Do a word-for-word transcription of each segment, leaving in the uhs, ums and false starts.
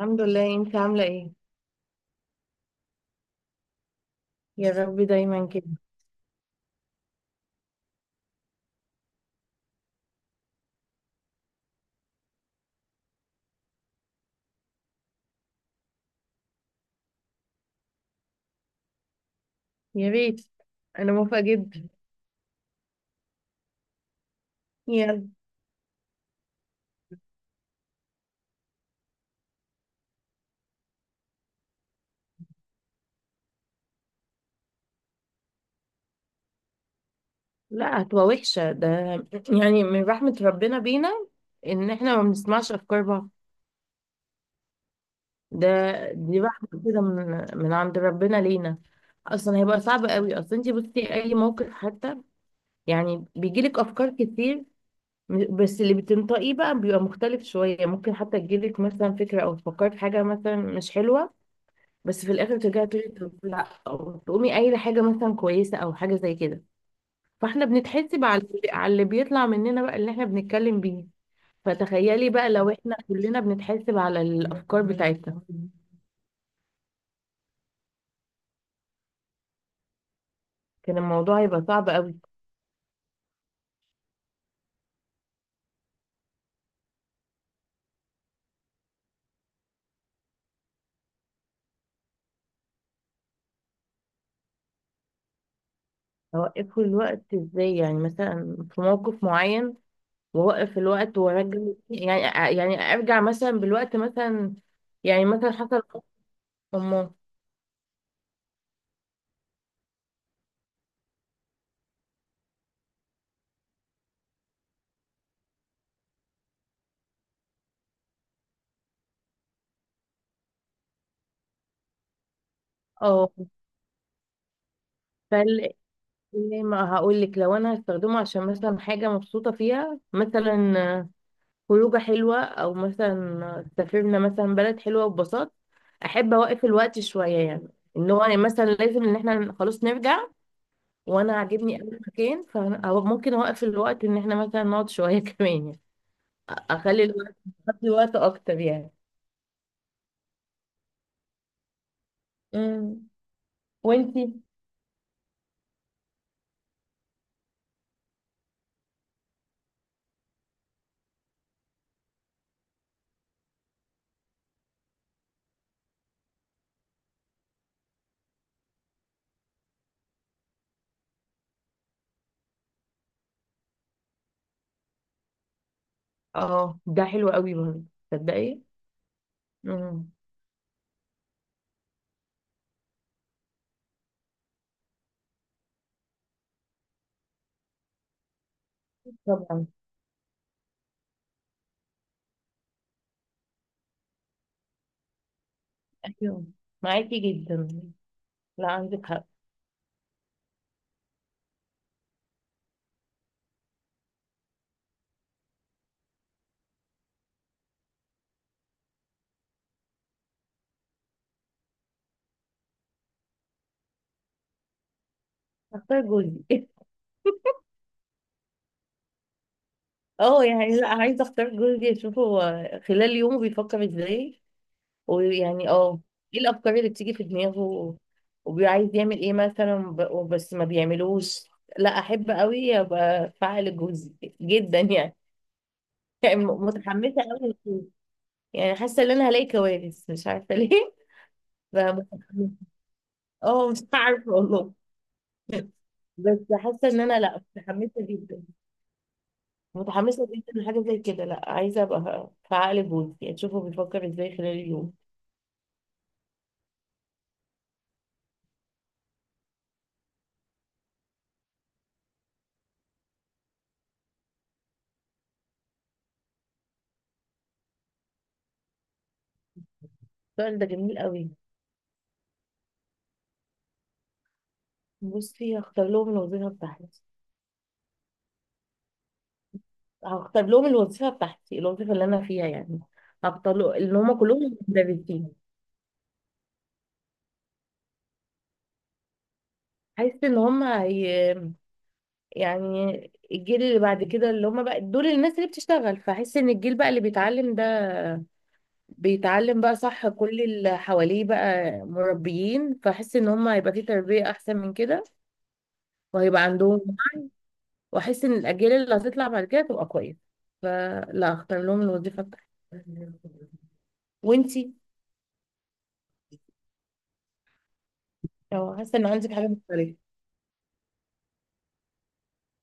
الحمد لله، انت عاملة ايه؟ يا رب دايما كده. يا ريت. انا موافقة جدا. يلا. لا، هتبقى وحشة. ده يعني من رحمة ربنا بينا ان احنا ما بنسمعش افكار بعض. ده دي رحمة كده من من عند ربنا لينا. اصلا هيبقى صعب قوي اصلا. انت بصي اي موقف حتى يعني بيجيلك افكار كتير. م- بس اللي بتنطقيه بقى بيبقى مختلف شوية. ممكن حتى تجيلك مثلا فكرة او تفكري في حاجة مثلا مش حلوة، بس في الاخر ترجعي تقولي طب لا، او تقومي قايله حاجه مثلا كويسه او حاجه زي كده. فاحنا بنتحسب على على اللي بيطلع مننا بقى، اللي احنا بنتكلم بيه. فتخيلي بقى لو احنا كلنا بنتحسب على الافكار بتاعتنا كان الموضوع هيبقى صعب قوي. اوقفه الوقت ازاي؟ يعني مثلا في موقف معين واوقف الوقت وارجع؟ يعني يعني ارجع مثلا بالوقت مثلا. يعني مثلا حصل. أمه. اه فال ليه ما هقول لك؟ لو انا هستخدمه عشان مثلا حاجه مبسوطه فيها، مثلا خروجه حلوه او مثلا سافرنا مثلا بلد حلوه وببساطه احب اوقف الوقت شويه، يعني ان هو يعني مثلا لازم ان احنا خلاص نرجع وانا عاجبني اي مكان، فممكن اوقف الوقت ان احنا مثلا نقعد شويه كمان يعني. اخلي الوقت اخلي وقت اكتر يعني. امم وانتي؟ اه ده حلو قوي برضه. تصدقي؟ امم. طبعا. ايوه، معاكي جدا. لا، عندك حق. اختار جوزي اه يعني، لا، عايزه اختار جوزي، اشوفه هو خلال يومه بيفكر ازاي، ويعني اه ايه الافكار اللي بتيجي في دماغه، وبيعايز يعمل ايه مثلا. ب- بس ما بيعملوش. لا احب قوي ابقى فاعل جوزي جدا يعني يعني م- متحمسه قوي. يعني حاسه ان انا هلاقي كوارث مش عارفه ليه فمتحمسة. اه مش عارفه والله بس حاسه ان انا، لا، متحمسه جدا. متحمسة جدا لحاجة زي كده. لا عايزة ابقى في عقل جوزي يعني، اشوفه بيفكر ازاي خلال اليوم. السؤال ده جميل قوي. بصي، هختار لهم الوظيفة بتاعتي هختار لهم الوظيفة بتاعتي، الوظيفة اللي انا فيها يعني. هختار له- ان هم كلهم مدرسين. حاسة ان هم. هي يعني الجيل اللي بعد كده، اللي هم بقى دول الناس اللي بتشتغل، فحس ان الجيل بقى اللي بيتعلم ده بيتعلم بقى صح. كل اللي حواليه بقى مربيين، فحس ان هم هيبقى في تربية احسن من كده وهيبقى عندهم. واحس ان الاجيال اللي هتطلع بعد كده تبقى كويسه، فلا اختار لهم الوظيفه بتاعتي. وانتي؟ لو حاسه ان عندك حاجه مختلفه.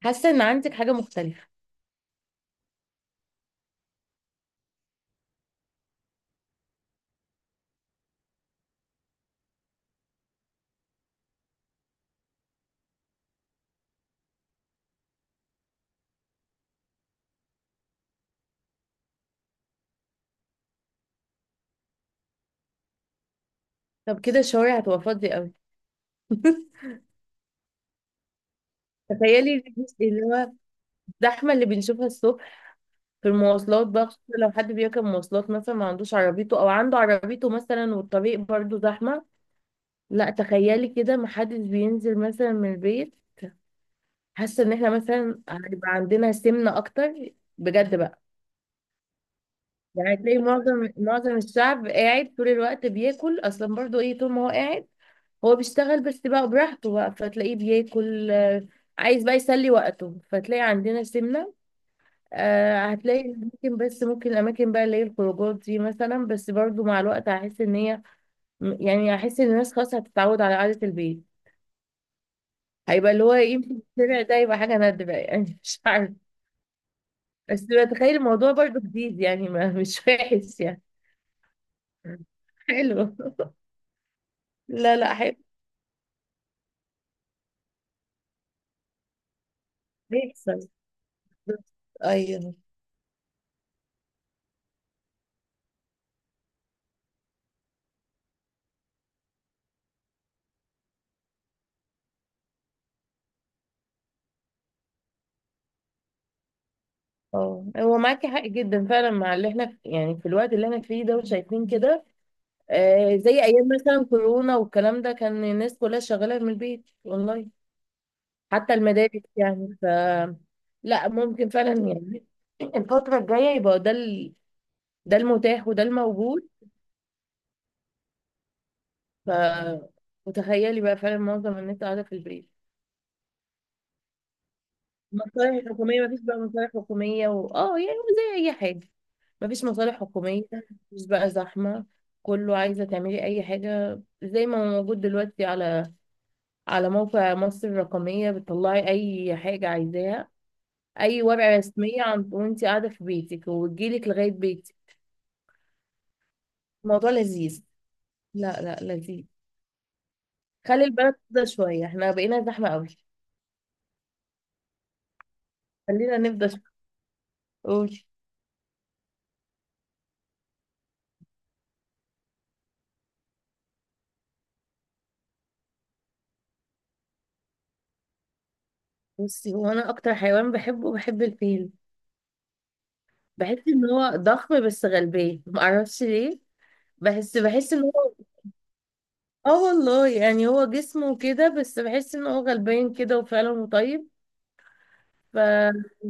حاسه ان عندك حاجه مختلفه؟ طب كده الشوارع هتبقى فاضيه قوي تخيلي الجزء اللي هو الزحمه اللي بنشوفها الصبح في المواصلات بقى، خصوصا لو حد بيركب مواصلات مثلا ما عندوش عربيته، او عنده عربيته مثلا والطريق برضو زحمه. لا تخيلي كده ما حدش بينزل مثلا من البيت. حاسه ان احنا مثلا هيبقى عندنا سمنه اكتر بجد بقى. يعني تلاقي معظم معظم الشعب قاعد طول الوقت بياكل اصلا. برضو ايه طول ما هو قاعد هو بيشتغل بس بقى براحته بقى، فتلاقيه بياكل. آه، عايز بقى يسلي وقته، فتلاقي عندنا سمنة. آه، هتلاقي ممكن، بس ممكن الاماكن بقى اللي هي الخروجات دي مثلا، بس برضو مع الوقت هحس ان هي، يعني هحس ان الناس خلاص هتتعود على قعدة البيت. هيبقى اللي هو يمكن السمع ده يبقى حاجة نادرة يعني مش عارف. بس بتخيل الموضوع برضو جديد يعني، ما مش وحش يعني حلو. لا لا حلو. بيحصل. ايوه. اه، هو معاكي حق جدا فعلا مع اللي احنا في، يعني في الوقت اللي احنا فيه ده وشايفين كده. آه زي ايام مثلا كورونا والكلام ده، كان الناس كلها شغاله من البيت والله. حتى المدارس يعني. ف لا ممكن فعلا يعني الفتره الجايه يبقى ده. ال... ده المتاح وده الموجود. ف وتخيلي بقى فعلا معظم الناس قاعده في البيت. مصالح حكومية. مفيش بقى مصالح حكومية. و... اه يعني زي أي حاجة. مفيش مصالح حكومية. مفيش بقى زحمة. كله عايزة تعملي أي حاجة زي ما هو موجود دلوقتي على على موقع مصر الرقمية. بتطلعي أي حاجة عايزاها، أي ورقة رسمية. عن... وأنت قاعدة في بيتك وتجيلك لغاية بيتك. الموضوع لذيذ. لا لا لذيذ. خلي البلد تفضى شوية، احنا بقينا زحمة أوي. خلينا نفضى شوية. قولي. بصي، هو أنا أكتر حيوان بحبه، بحب الفيل. بحس ان هو ضخم بس غلبان، معرفش ليه. بحس بحس ان هو. اه والله، يعني هو جسمه كده بس بحس ان هو غلبان كده وفعلا طيب. فاحس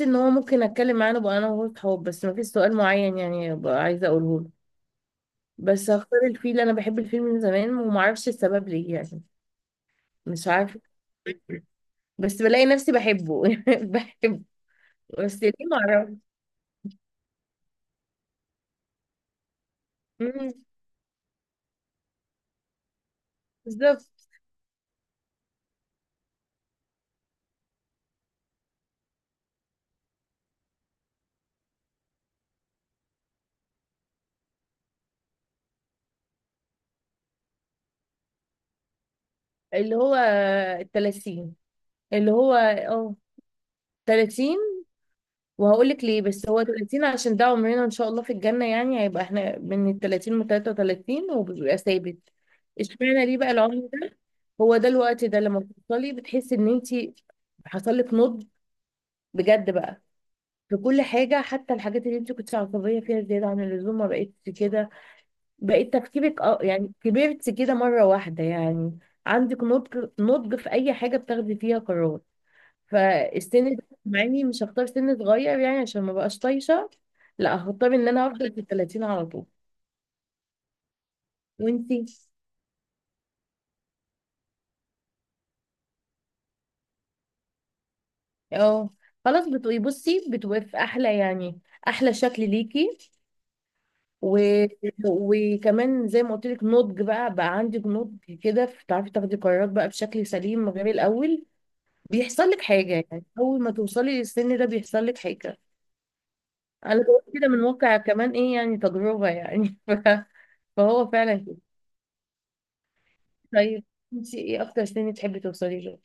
ان هو ممكن اتكلم معاه بقى، انا وهو صحاب، بس ما فيش سؤال معين يعني بقى عايزه اقوله له. بس هختار الفيل، انا بحب الفيل من زمان ومعرفش السبب ليه يعني. مش عارفه، بس بلاقي نفسي بحبه بحبه، بس ليه معرفش. مم. بالظبط. اللي هو التلاتين، اللي هو اه تلاتين. وهقول لك ليه، بس هو تلاتين عشان ده عمرنا ان شاء الله في الجنة. يعني هيبقى احنا من ال ثلاثين ل ثلاثة وثلاثين وبيبقى ثابت. اشمعنى ليه بقى العمر ده؟ هو ده الوقت ده لما بتوصلي بتحسي ان انت حصل لك نضج بجد بقى في كل حاجة. حتى الحاجات اللي انت كنت عصبية فيها زيادة عن اللزوم ما بقتش كده. بقيت تفكيرك اه يعني كبرت كده مرة واحدة يعني. عندك نضج نضج في اي حاجة بتاخدي فيها قرار. فالسن ده معني مش هختار سن صغير يعني عشان ما بقاش طايشه. لا هختار ان انا هفضل في ال ثلاثين على طول. وانتي؟ اه. خلاص بتبقي بصي بتبقي في احلى يعني، احلى شكل ليكي. و... وكمان زي ما قلت لك، نضج بقى بقى عندك نضج كده، بتعرفي تاخدي قرارات بقى بشكل سليم من غير الاول. بيحصل لك حاجه يعني اول ما توصلي للسن ده بيحصل لك حاجه. انا بقول كده من واقع كمان ايه، يعني تجربه يعني ف... فهو فعلا كده. طيب، انت ايه اكتر سن تحبي توصلي له؟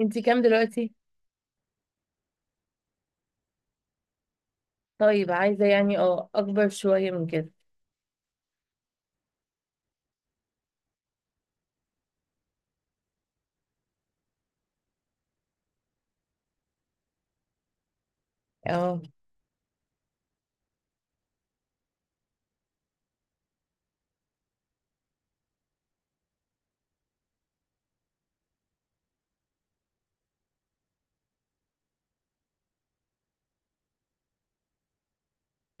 انت كام دلوقتي؟ طيب، عايزه يعني اه اكبر شويه من كده اه.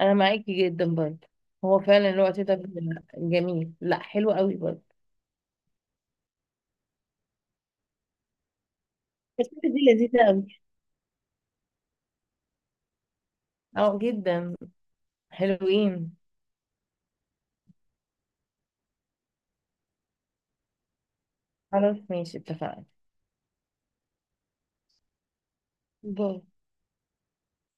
انا معاكي جدا برضه. هو فعلا الوقت ده جميل، لا حلو قوي برضه. بس دي لذيذة أوي. اه جدا. حلوين. خلاص ماشي اتفقنا. باي.